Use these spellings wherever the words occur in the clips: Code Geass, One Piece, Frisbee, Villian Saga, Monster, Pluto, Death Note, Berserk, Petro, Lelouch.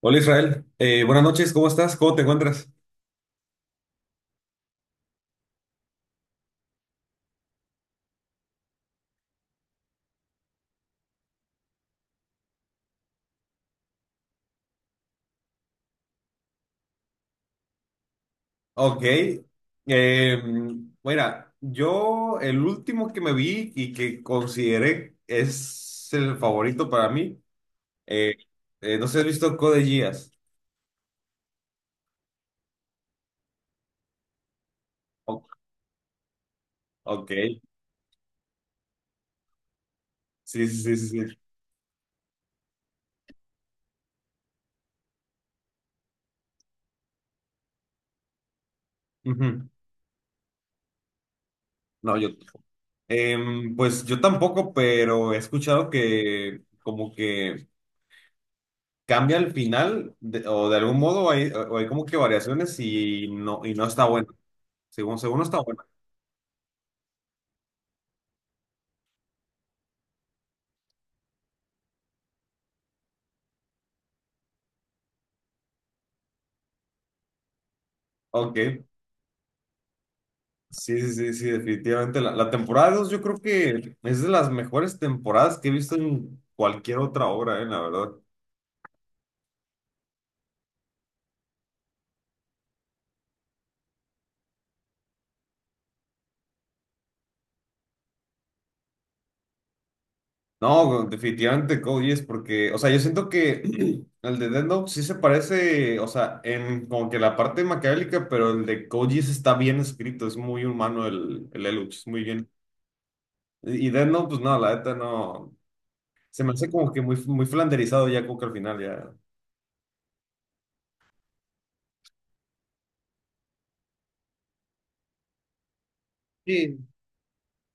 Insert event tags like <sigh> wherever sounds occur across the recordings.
Hola Israel, buenas noches, ¿cómo estás? ¿Cómo te encuentras? Ok, eh, mira, yo el último que me vi y que consideré es el favorito para mí, eh, no sé si has visto Code Geass. O- ok, sí, sí, sí. Ujú. No, yo, pues yo tampoco, pero he escuchado que como que cambia o de algún modo hay, o hay como que variaciones y no está bueno, según, según no está bueno. Ok, sí, sí, sí, sí, definitivamente. La temporada 2 yo creo que es de las mejores temporadas que he visto en cualquier otra obra, la verdad. No, definitivamente Code Geass porque, o sea, yo siento que <clears throat> el de Death Note sí se parece, o sea, en como que la parte maquiavélica, pero el de Code Geass está bien escrito, es muy humano el Lelouch, es muy bien. Y Death Note, pues no, la neta no, se me hace como que muy, muy flanderizado ya como que al final ya. Sí.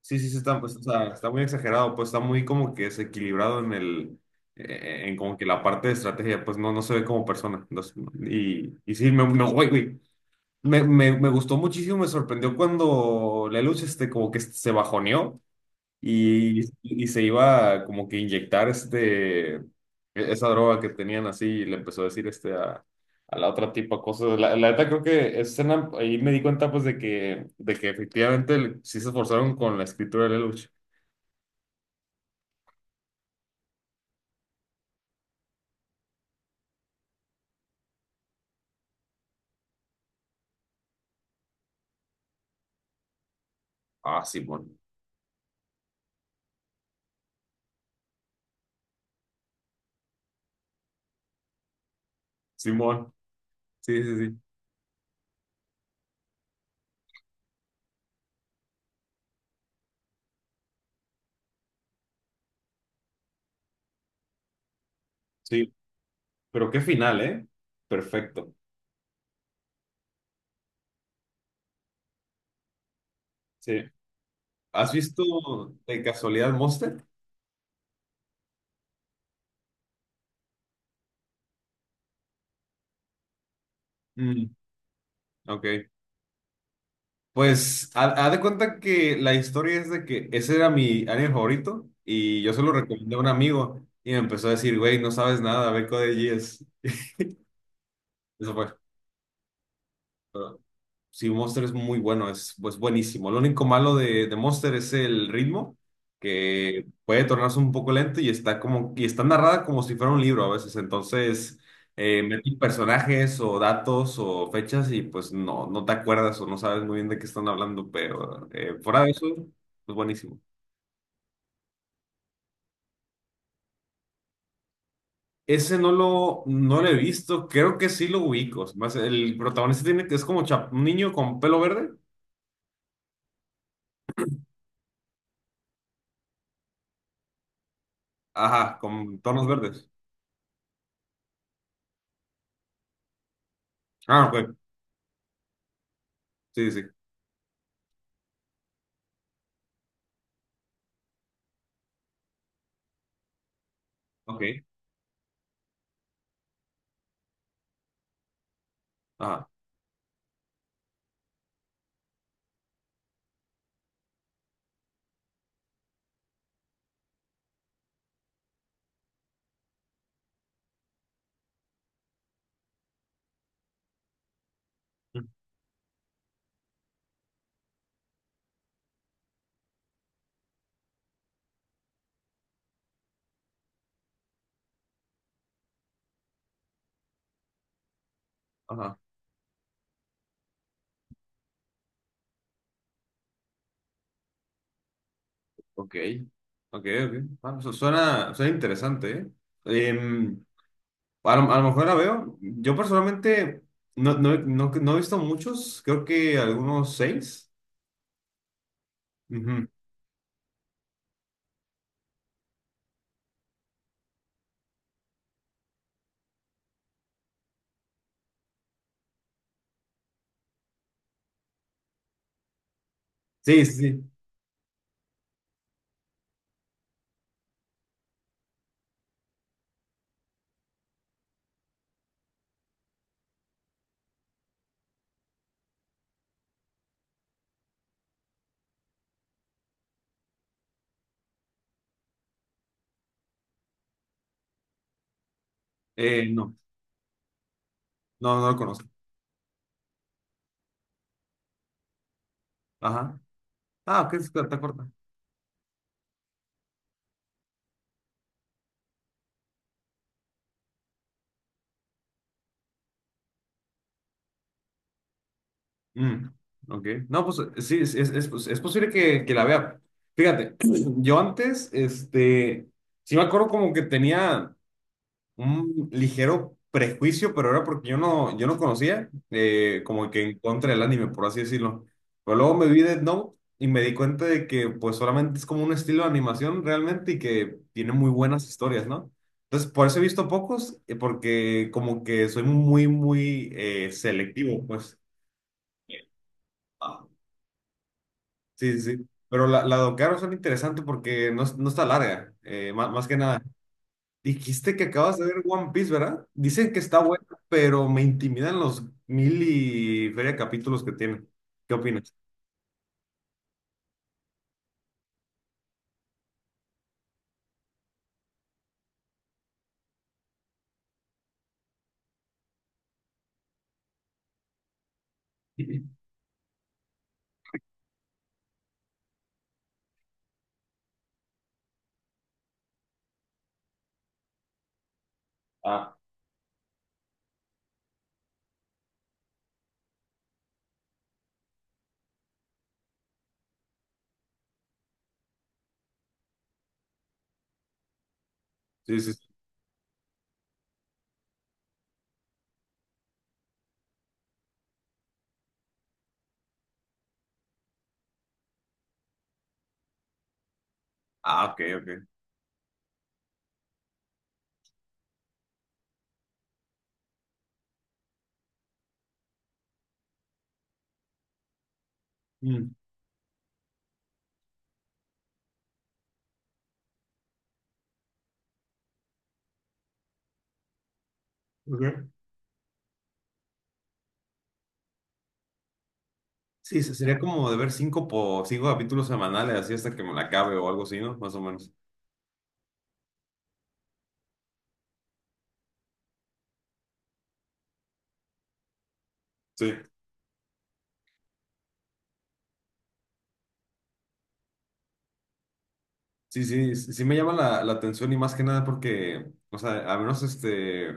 Sí, sí, sí, está, pues, o sea, está muy exagerado, pues está muy como que desequilibrado en el, en como que la parte de estrategia, pues no, no se ve como persona. Entonces, y sí, güey, me gustó muchísimo, me sorprendió cuando Lelouch, este, como que se bajoneó y se iba a como que inyectar este, esa droga que tenían así y le empezó a decir este a la otra tipa cosas. La neta creo que esa escena ahí me di cuenta pues de que efectivamente sí se esforzaron con la escritura de Lelouch. Ah, simón. Simón. Sí, sí, sí. Sí. Pero qué final, ¿eh? Perfecto. Sí. ¿Has visto de casualidad Monster? Mm, ok. Pues, ha de cuenta que la historia es de que ese era mi anime favorito y yo se lo recomendé a un amigo y me empezó a decir, güey, no sabes nada, ve Code Geass. Eso fue. Sí, Monster es muy bueno, es pues, buenísimo. Lo único malo de Monster es el ritmo, que puede tornarse un poco lento y está como, y está narrada como si fuera un libro a veces. Entonces, meten personajes o datos o fechas y pues no, no te acuerdas o no sabes muy bien de qué están hablando, pero fuera de eso, pues buenísimo. Ese no lo he visto, creo que sí lo ubico. Más el protagonista tiene que es como un niño con pelo verde. Ajá, con tonos verdes. Ah, ok. Sí. Ok. Ajá. Mm. Ajá. Ok. Ok, ok. Ah, suena, suena interesante, ¿eh? Em, a lo mejor la veo. Yo personalmente no he visto muchos, creo que algunos seis. Ujú. Sí, sí, sí. No, no, no lo conozco. Ajá. Ah, ok, está corta. Mm, ok. No, pues sí, es, pues, es posible que la vea. Fíjate, <clears throat> yo antes, este, sí me acuerdo como que tenía un ligero prejuicio, pero era porque yo no conocía, como que en contra del anime, por así decirlo. Pero luego me vi Death Note y me di cuenta de que pues solamente es como un estilo de animación realmente y que tiene muy buenas historias, ¿no? Entonces, por eso he visto pocos, porque como que soy muy, muy selectivo, pues. Sí, sí, sí. Pero la de Ocaro son interesante porque no, no está larga, más, que nada. Dijiste que acabas de ver One Piece, ¿verdad? Dicen que está buena, pero me intimidan los mil y feria capítulos que tiene. ¿Qué opinas? <laughs> Sí. Ah, sí. Ah, ok, ok. Mm, ok. Sí, sería como de ver cinco capítulos semanales, así hasta que me la acabe o algo así, ¿no? Más o menos. Sí. Sí, sí, sí, sí me llama la atención y más que nada porque, o sea, a menos este.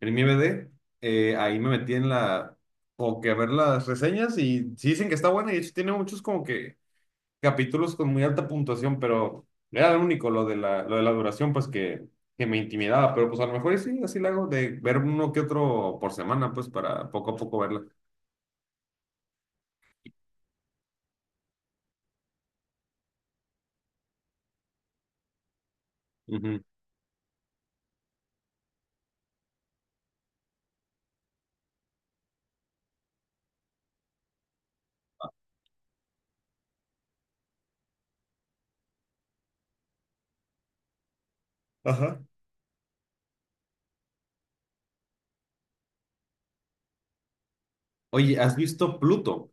En mi IMD, ahí me metí en la, como que a ver las reseñas y sí dicen que está buena y de hecho tiene muchos como que capítulos con muy alta puntuación, pero era lo único lo de la duración, pues que me intimidaba, pero pues a lo mejor y sí, así lo hago, de ver uno que otro por semana, pues para poco a poco verla. Ujú. Ajá. Oye, ¿has visto Pluto?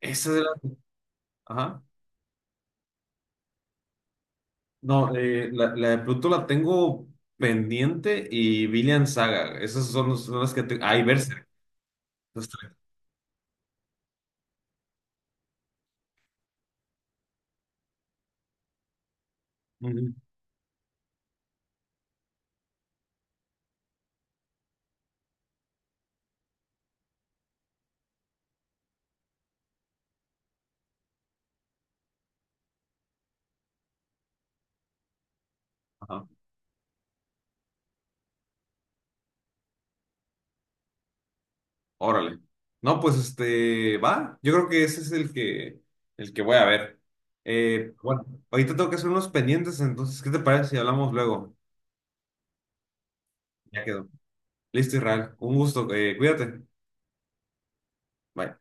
Esa de la... Ajá. No, la, la de Pluto la tengo pendiente y Villian Saga, esas son, son las que... Te... Ah, y Berserk. Los tres. Ajá. Órale. No, pues este, va. Yo creo que ese es el que voy a ver. Bueno, ahorita tengo que hacer unos pendientes, entonces, ¿qué te parece si hablamos luego? Ya quedó. Listo, Israel. Un gusto. Cuídate. Bye.